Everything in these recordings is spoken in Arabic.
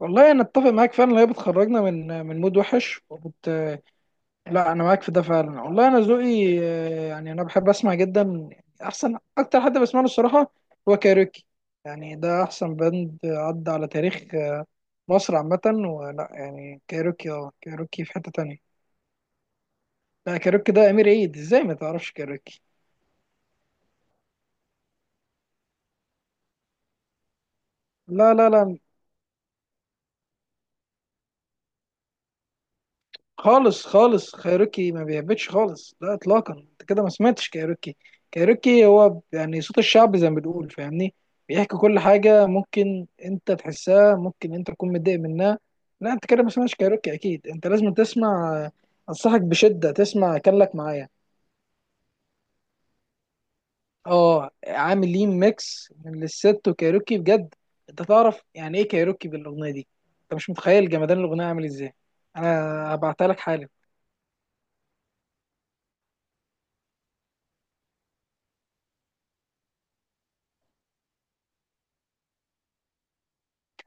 والله انا اتفق معاك فعلا اللي هي بتخرجنا من مود وحش وبت... لا انا معاك في ده فعلا. والله انا ذوقي يعني انا بحب اسمع جدا. يعني احسن اكتر حد بسمع له الصراحه هو كايروكي. يعني ده احسن باند عدى على تاريخ مصر عامه. ولا يعني كايروكي اه، كايروكي في حته تانية. لا، كايروكي ده امير عيد، ازاي ما تعرفش كايروكي؟ لا خالص خالص، خيروكي ما بيهبطش خالص، لا اطلاقا. انت كده ما سمعتش كايروكي. كايروكي هو يعني صوت الشعب زي ما بنقول، فاهمني؟ بيحكي كل حاجه ممكن انت تحسها، ممكن انت تكون متضايق منها. لا انت كده ما سمعتش كايروكي، اكيد انت لازم تسمع. انصحك بشده تسمع كان لك معايا. اه، عاملين ميكس من للست وكايروكي، بجد انت تعرف يعني ايه كايروكي بالاغنيه دي. انت مش متخيل جمدان الاغنيه عامل ازاي، انا هبعتها لك حالا.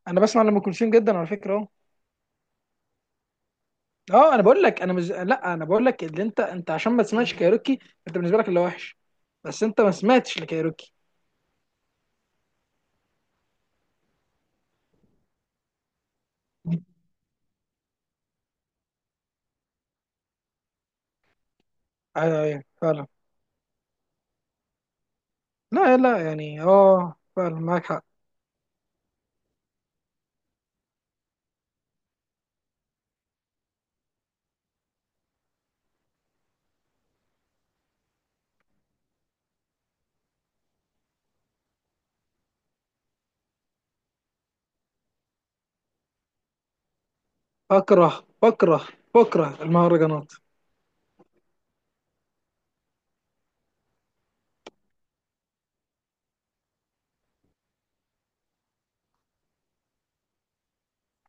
انا بسمع لام كلثوم جدا على فكره اهو. اه، انا بقول لك انا مش لا انا بقول لك اللي انت عشان ما تسمعش كايروكي انت بالنسبه لك اللي وحش، بس انت ما سمعتش لكايروكي. ايوه ايوه فعلا. لا لا، يعني اه فعلا معاك حق. بكره، بكره بكره المهرجانات.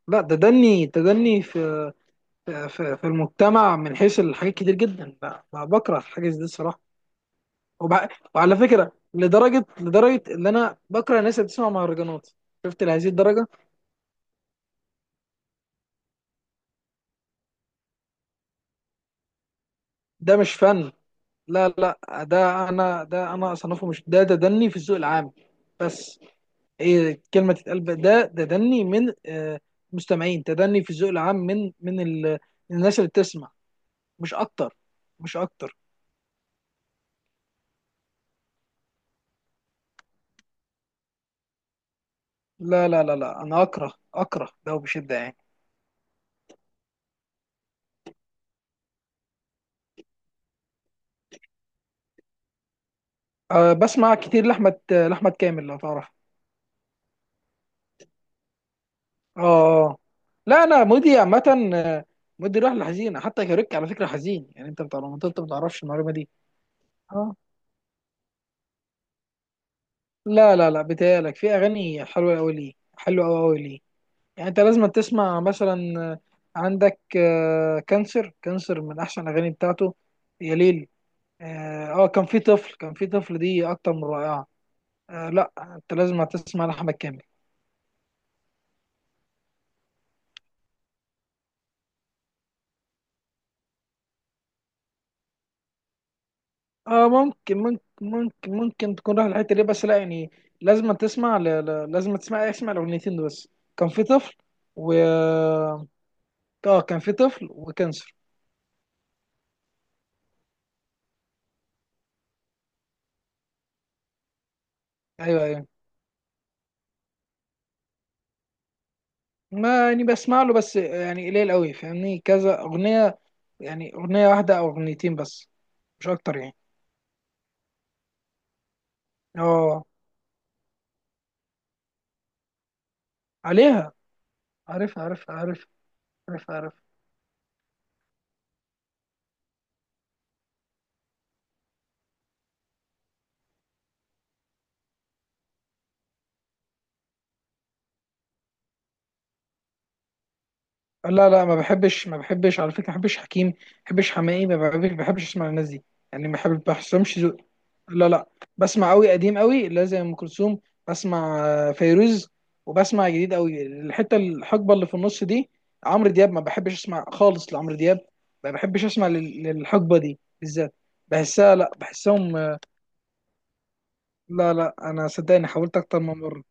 لا تدني تدني في في, في المجتمع من حيث الحاجات كتير جدا، لا ما بكره الحاجات دي الصراحه. وبع... وعلى فكره لدرجه ان انا بكره الناس اللي بتسمع مهرجانات، شفت لهذه الدرجه؟ ده مش فن. لا لا، ده انا ده انا اصنفه مش ده، ده دني في الذوق العام. بس ايه كلمه تتقال بقى؟ ده ده دني من مستمعين، تدني في الذوق العام من الناس اللي بتسمع. مش اكتر، مش اكتر. لا انا اكره، اكره ده بشده يعني. أه بسمع كتير لاحمد كامل لو تعرف. اه. آه. لا انا مودي عامه، آه، مودي رايح لحزين، حتى كاريك على فكره حزين يعني، انت بتاع انت ما تعرفش المعلومه دي. لا بتهيألك، في أغاني حلوة أوي، ليه حلوة أوي أوي ليه؟ يعني أنت لازم تسمع مثلا آه، عندك كانسر، كانسر من أحسن الأغاني بتاعته. يا ليل، اه كان في طفل، كان في طفل دي أكتر من رائعة. آه لا، أنت لازم تسمع لأحمد كامل. اه ممكن، ممكن تكون رايح الحتة دي بس لا يعني لازم تسمع اسمع الأغنيتين دول بس، كان في طفل، و اه كان في طفل وكانسر. ايوه ايوه. ما يعني بسمع له بس يعني قليل قوي، فاهمني؟ كذا اغنيه، يعني اغنيه واحده او اغنيتين بس، مش اكتر يعني. اه، عليها. عارف عارف عارف. عارف عارف. لا لا، ما بحبش ما بحبش على فكره، ما بحبش حكيم، ما بحبش حماقي، ما بحبش، ما بحبش اسمع الناس دي يعني. ما بحب، ما بحسهمش ذوق. لا لا، بسمع قوي قديم قوي اللي هي زي ام كلثوم، بسمع فيروز. وبسمع جديد قوي، الحته الحقبه اللي في النص دي عمرو دياب، ما بحبش اسمع خالص لعمرو دياب. ما بحبش اسمع للحقبه دي بالذات، بحسها لا بحسهم آه. لا لا، انا صدقني حاولت اكتر من مره.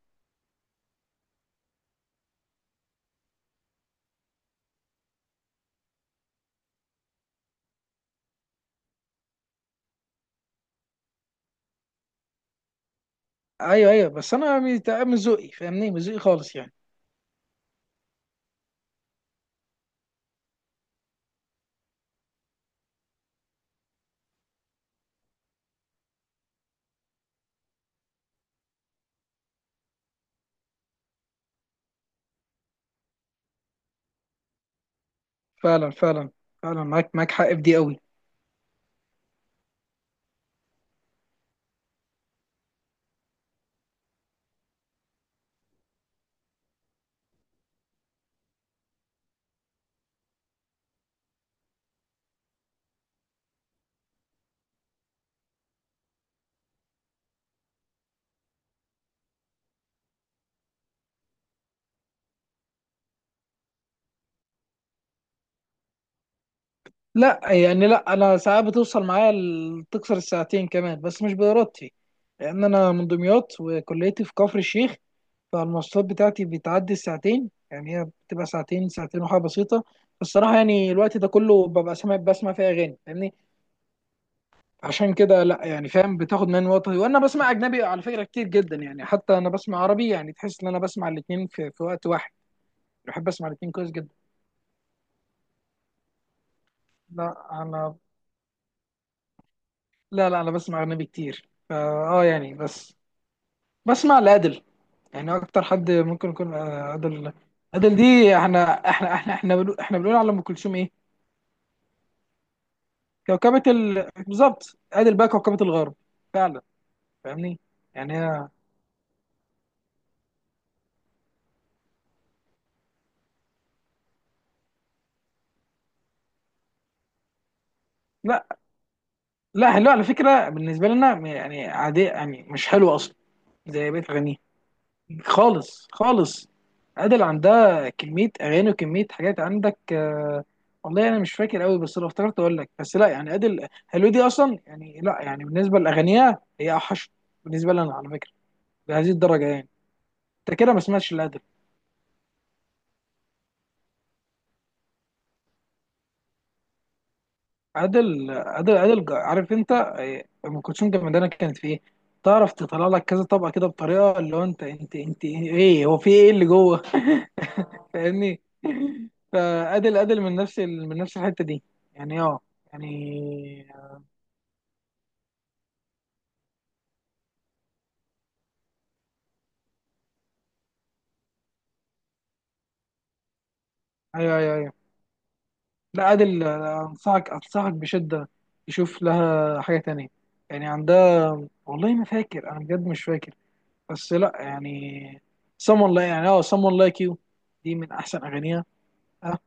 ايوه ايوه، بس انا مش مش ذوقي، فاهمني؟ مش ذوقي خالص يعني. فعلا، فعلا. فعلا معاك، معاك حق في دي قوي. لا يعني، لا انا ساعات بتوصل معايا تكسر الساعتين كمان، بس مش بارادتي. لان انا من دمياط وكليتي في كفر الشيخ، فالمواصلات بتاعتي بتعدي الساعتين. يعني هي بتبقى ساعتين، ساعتين وحاجه بسيطه الصراحه. يعني الوقت ده كله ببقى سامع، بسمع فيها اغاني، فاهمني؟ عشان كده لا يعني فاهم، بتاخد مني وقت. وانا بسمع اجنبي على فكره كتير جدا يعني، حتى انا بسمع عربي يعني، تحس ان انا بسمع الاثنين في وقت واحد. بحب اسمع الاثنين كويس جدا. لا انا لا انا بسمع اجنبي كتير فا. اه يعني بس، بسمع لأدل. يعني اكتر حد ممكن يكون أدل. أدل دي، احنا بنقول على ام كلثوم ايه؟ كوكبة ال... بالظبط، أدل بقى كوكبة الغرب فعلا. فاهمني؟ يعني هي، لا لا، حلو على فكرة بالنسبة لنا يعني عادية، يعني مش حلوة اصلا زي بقية اغانيها، خالص خالص. عادل عندها كمية أغاني وكمية حاجات عندك والله أنا مش فاكر أوي، بس لو افتكرت أقول لك. بس لا يعني عادل هلو دي أصلا يعني، لا يعني بالنسبة لأغانيها هي أوحش بالنسبة لنا على فكرة، لهذه الدرجة يعني. أنت كده ما سمعتش لعادل. عادل عارف أنت أم كلثوم جمدانة كانت في إيه؟ تعرف تطلع لك كذا طبقة كده بطريقة اللي هو، أنت إيه هو، في إيه اللي جوه؟ فاهمني؟ فادل من من نفس الحته دي يعني، اه يعني. ايوه لا، ادل انصحك، انصحك بشده تشوف لها حاجه تانية، يعني عندها، والله ما فاكر انا بجد مش فاكر، بس لا يعني someone like يعني اه someone like you، دي من احسن اغانيها اه.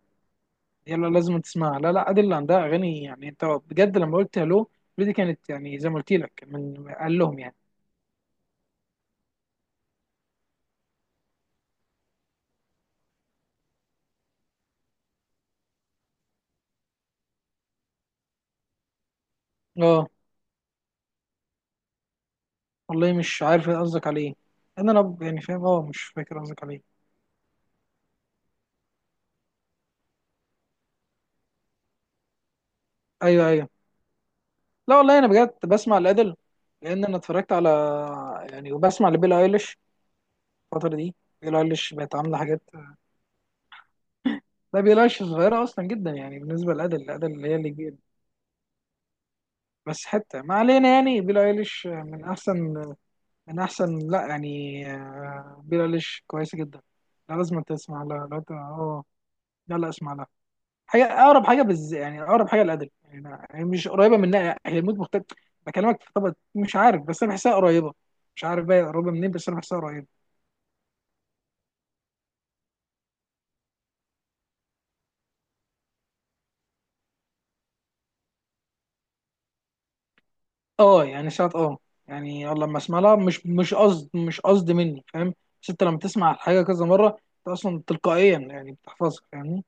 يلا لازم تسمعها، لا لا ادل اللي عندها اغاني، يعني انت بجد لما قلت هلو دي كانت يعني زي ما قلت لك من قال لهم يعني. اه والله مش عارف إيه قصدك عليه، انا لو يعني فاهم اه مش فاكر قصدك عليه. ايوه ايوه، لا والله انا بجد بسمع الادل، لان انا اتفرجت على يعني. وبسمع لبيلي ايليش الفتره دي، بيلي ايليش بقت عامله حاجات. لا، بيلي ايليش صغيره اصلا جدا يعني بالنسبه للادل، الادل اللي هي اللي كبيره. بس حتى ما علينا، يعني بيلي ايليش من احسن، من احسن لا يعني بيلي ايليش كويسه جدا. لا لازم تسمع، لا لا ت- اه لا لا، اسمع لها حاجه، اقرب حاجه بز يعني اقرب حاجه للادب يعني، هي مش قريبه منها، هي الموت مختلف بكلمك في، طب مش عارف، بس انا بحسها قريبه، مش عارف بقى قريبه منين، بس انا بحسها قريبه. اه يعني ساعات اه، يعني والله لما اسمع لها مش قصد مني فاهم، بس انت لما تسمع الحاجه كذا مره انت اصلا تلقائيا يعني بتحفظها، فاهمني؟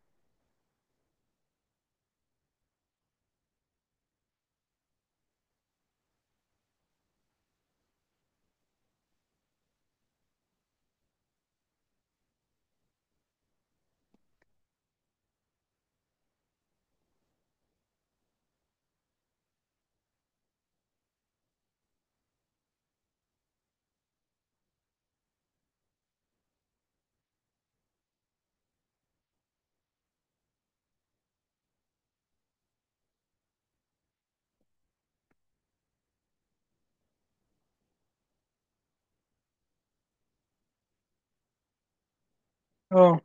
اه،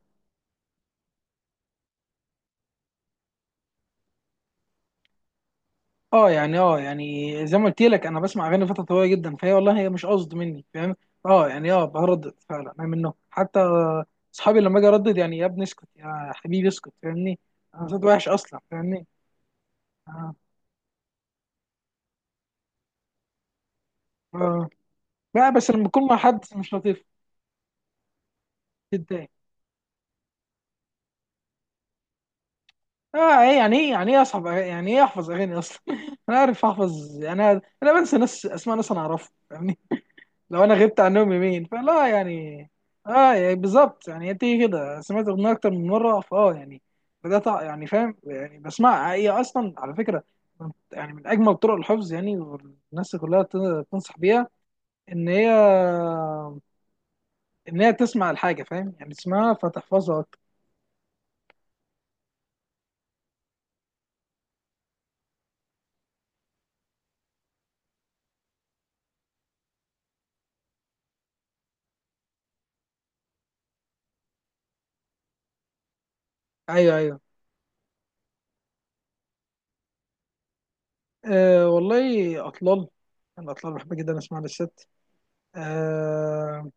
اه يعني، اه يعني زي ما قلت لك انا بسمع اغاني فتره طويله جدا، فهي والله هي مش قصد مني فاهم. اه يعني، اه بردد فعلا انا منه، حتى اصحابي لما اجي اردد يعني يا ابني اسكت، يا حبيبي اسكت، فاهمني؟ انا صوت وحش اصلا، فاهمني؟ اه. اه، لا بس لما بكون مع حد مش لطيف بتضايق. اه، ايه يعني، ايه يعني، ايه اصحاب أغاني؟ يعني ايه احفظ اغاني اصلا؟ انا عارف احفظ؟ انا بنسى ناس، اسماء ناس انا اعرفها، فاهمني؟ لو انا غبت عنهم يومين فلا يعني. اه يعني بالظبط يعني، هي بتيجي كده، سمعت اغنيه اكتر من مره فاه يعني، بدات يعني فاهم يعني بسمعها. هي اصلا على فكره يعني من اجمل طرق الحفظ يعني، والناس كلها تنصح بيها، ان هي ان هي تسمع الحاجه فاهم يعني، تسمعها فتحفظها اكتر. ايوه ايوه. أه والله اطلال، انا اطلال بحب جدا اسمع للست. أه،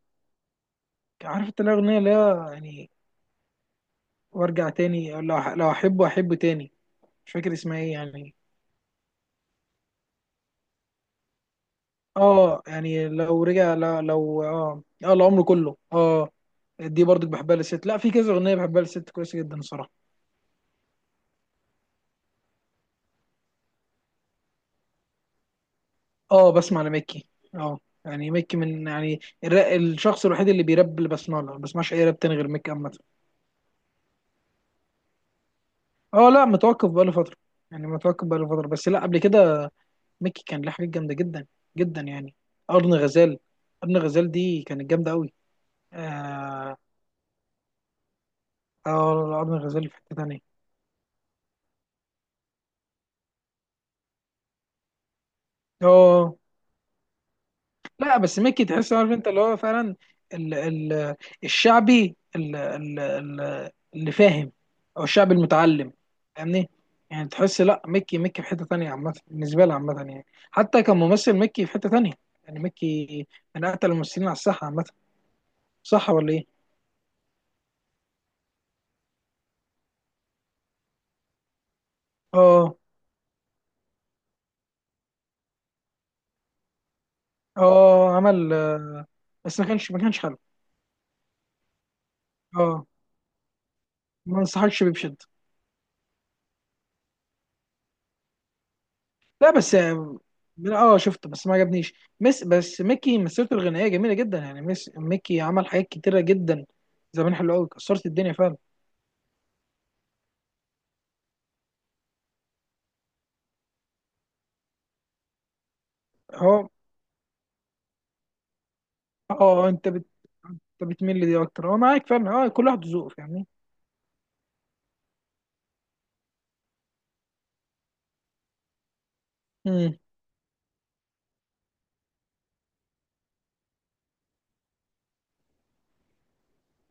عارف انت الاغنيه اللي هي يعني وارجع تاني، لو احبه احبه تاني، مش فاكر اسمها ايه يعني. اه يعني لو رجع، لا لو اه، اه العمر كله اه. دي برضك بحبها للست، لا في كذا اغنيه بحبها للست كويسه جدا الصراحه. اه، بسمع لميكي. اه يعني ميكي من يعني الشخص الوحيد اللي بيراب، اللي بسمع له، ما بسمعش اي راب تاني غير ميكي عامه. اه، لا متوقف بقاله فتره، يعني متوقف بقاله فتره، بس لا قبل كده ميكي كان له حاجات جامده جدا، جدا يعني. ارن غزال، ارن غزال دي كانت جامده قوي. اه. اه، ارن غزال في حته تانيه. اه، لا بس ميكي تحس عارف انت اللي هو فعلا ال ال الشعبي ال ال ال اللي فاهم، او الشعبي المتعلم، فاهمني؟ يعني تحس، لا ميكي، ميكي في حتة تانية عامة بالنسبة لي عامة يعني، حتى كممثل ميكي في حتة تانية يعني. ميكي من أقتل الممثلين على الساحة عامة، صح ولا إيه؟ اه. اه، عمل بس ما كانش، ما كانش حلو. اه، ما انصحكش بيه بشدة. لا بس من اه شفته بس ما عجبنيش. مس، بس ميكي مسيرته الغنائيه جميله جدا يعني. مس، ميكي عمل حاجات كتيره جدا زمان حلوه قوي، كسرت الدنيا فعلا. اه. اه انت بت... أنت بتميل لدي اكتر، اه معاك فعلا، اه كل واحد ذوقه، فاهمني؟